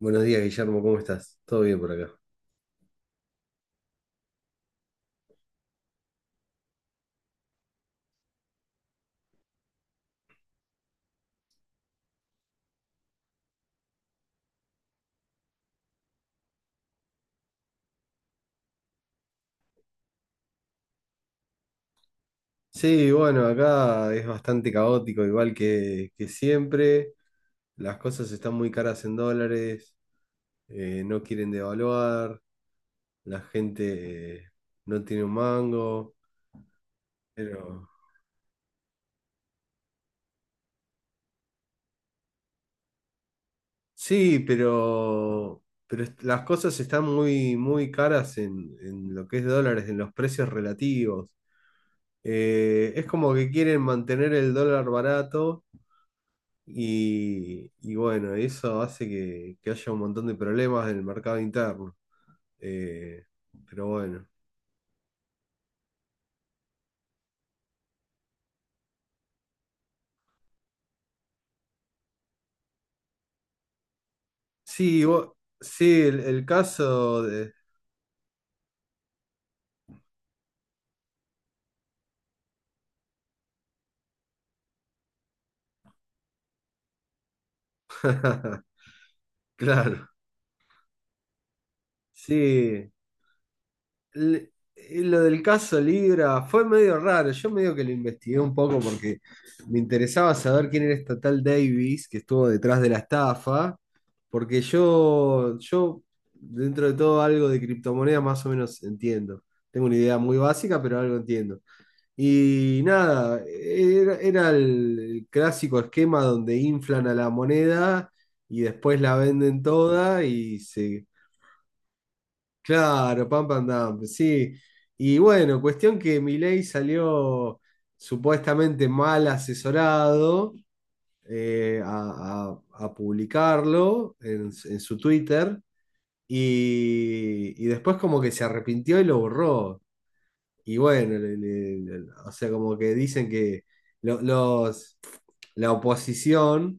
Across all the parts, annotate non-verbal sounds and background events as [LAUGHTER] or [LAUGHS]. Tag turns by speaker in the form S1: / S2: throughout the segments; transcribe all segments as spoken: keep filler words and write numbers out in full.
S1: Buenos días, Guillermo, ¿cómo estás? ¿Todo bien por acá? Sí, bueno, acá es bastante caótico, igual que, que siempre. Las cosas están muy caras en dólares, eh, no quieren devaluar, la gente eh, no tiene un mango, pero. Sí, pero, pero est- las cosas están muy, muy caras en, en lo que es dólares, en los precios relativos. Eh, es como que quieren mantener el dólar barato. Y, y bueno, eso hace que, que haya un montón de problemas en el mercado interno. Eh, pero bueno. Sí, vo- sí, el, el caso de. [LAUGHS] Claro, sí. le- eh, lo del caso Libra fue medio raro. Yo medio que lo investigué un poco porque me interesaba saber quién era esta tal Davis que estuvo detrás de la estafa. Porque yo, yo dentro de todo, algo de criptomonedas más o menos entiendo. Tengo una idea muy básica, pero algo entiendo. Y nada, era, era el, el clásico esquema donde inflan a la moneda y después la venden toda y se. Claro, pam, pam, dam, sí. Y bueno, cuestión que Milei salió supuestamente mal asesorado, eh, a, a- a publicarlo en, en su Twitter y, y después como que se arrepintió y lo borró. Y bueno, le- le- le- o sea, como que dicen que lo- los, la oposición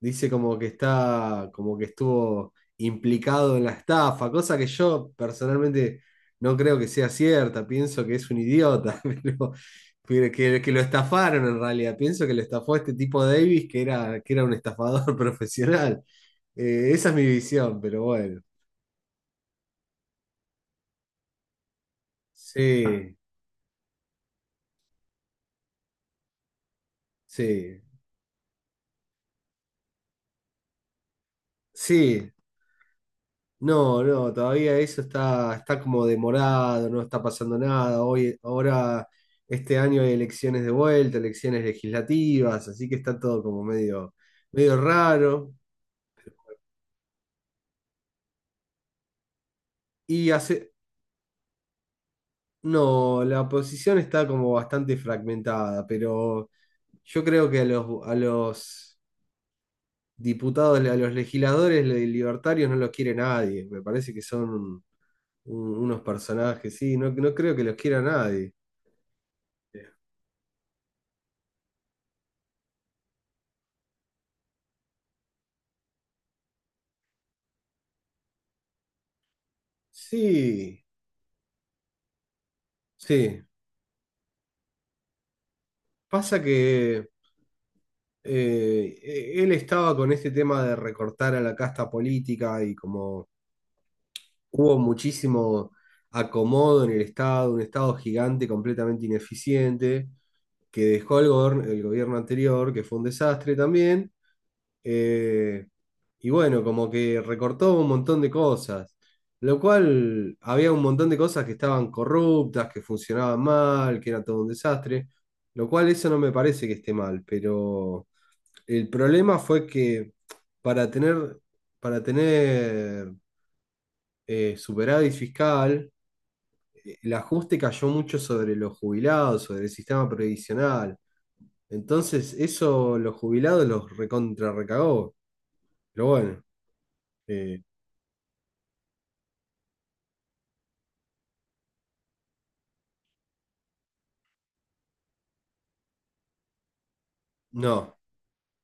S1: dice como que está, como que estuvo implicado en la estafa, cosa que yo personalmente no creo que sea cierta, pienso que es un idiota, [LAUGHS] pero, pero que, que lo estafaron en realidad, pienso que lo estafó este tipo Davis, que era, que era un estafador [LAUGHS] profesional. Eh, esa es mi visión, pero bueno, sí, sí, sí. No, no, todavía eso está, está como demorado, no está pasando nada. Hoy, ahora, este año hay elecciones de vuelta, elecciones legislativas, así que está todo como medio, medio, raro. Y hace, no, la oposición está como bastante fragmentada, pero yo creo que a los, a los diputados, a los legisladores libertarios no los quiere nadie. Me parece que son un- unos personajes, sí, no, no creo que los quiera nadie. Sí, sí. Pasa que eh, e- él estaba con este tema de recortar a la casta política y como hubo muchísimo acomodo en el Estado, un Estado gigante completamente ineficiente, que dejó el gobierno, el gobierno anterior, que fue un desastre también, eh, y bueno, como que recortó un montón de cosas, lo cual había un montón de cosas que estaban corruptas, que funcionaban mal, que era todo un desastre, lo cual eso no me parece que esté mal, pero el problema fue que para tener, para tener eh, superávit fiscal, eh, el ajuste cayó mucho sobre los jubilados, sobre el sistema previsional. Entonces, eso los jubilados los recontra recagó. Pero bueno. eh, No,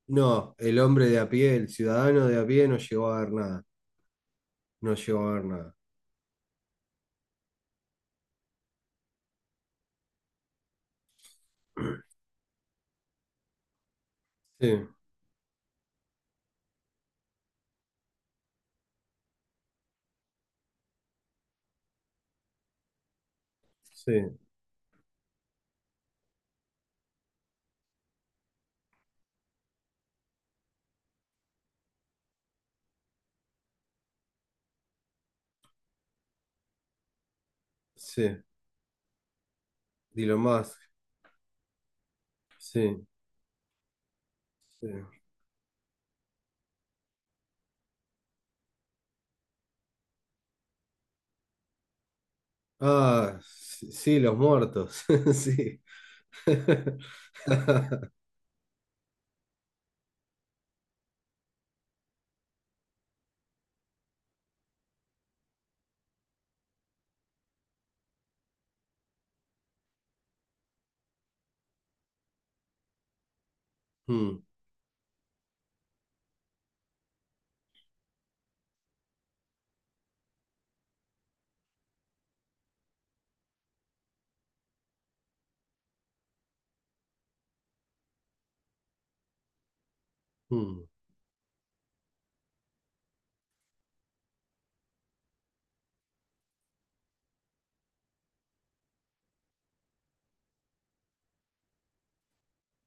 S1: no, el hombre de a pie, el ciudadano de a pie no llegó a ver nada, no llegó a ver nada. [CLEARS THROAT] Sí, sí, sí, Elon Musk, sí, sí. Ah, sí, sí, los muertos, [LAUGHS] sí. [LAUGHS] Mm, mm,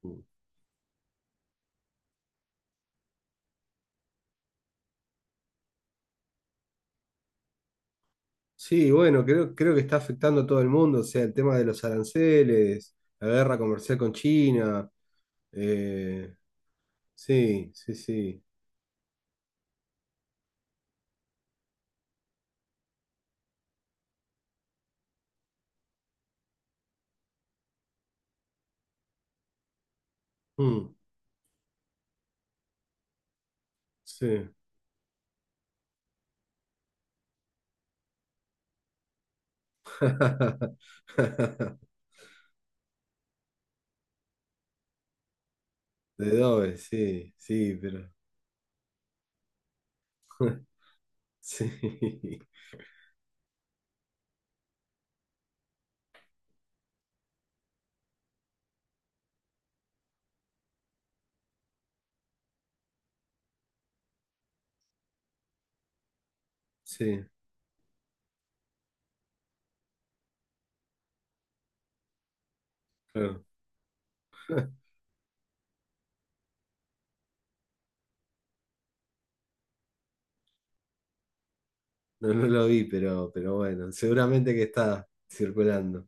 S1: mm. Sí, bueno, creo, creo que está afectando a todo el mundo, o sea, el tema de los aranceles, la guerra comercial con China, eh, sí, sí, sí, mm, sí. [LAUGHS] De Dove, sí, sí, pero sí, [LAUGHS] sí, claro. No, no lo vi, pero, pero bueno, seguramente que está circulando.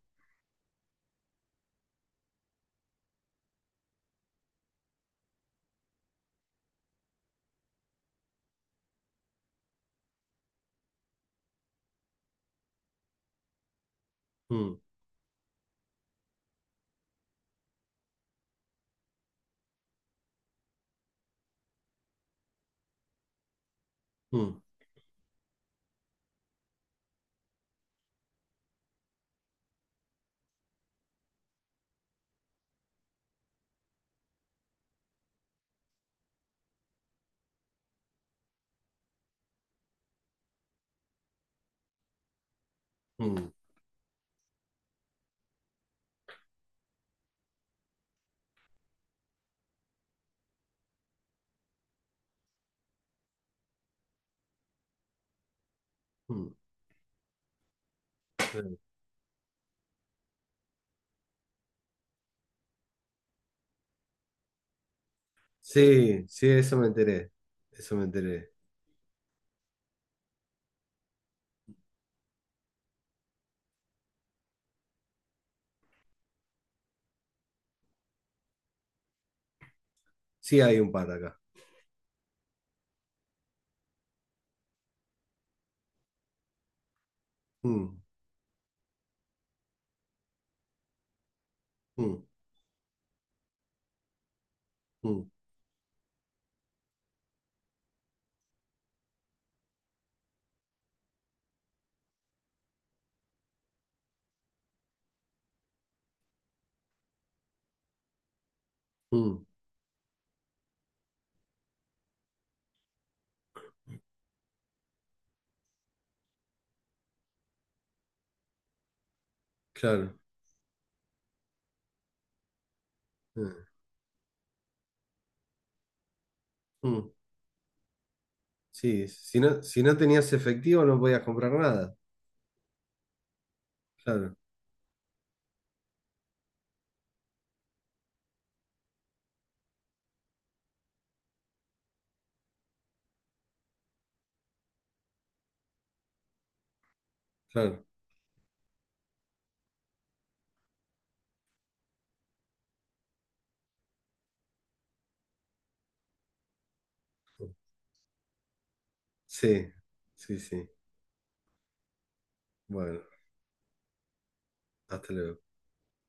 S1: Mm, mm, mm, mm. Claro. Sí, sí, eso me enteré, eso me enteré. Sí, hay un par acá. Mm, mm, mm, mm, claro. Mm, mm. Sí, si no, si no tenías efectivo no podías comprar nada. Claro, claro. Sí, sí, sí. Bueno, hasta luego.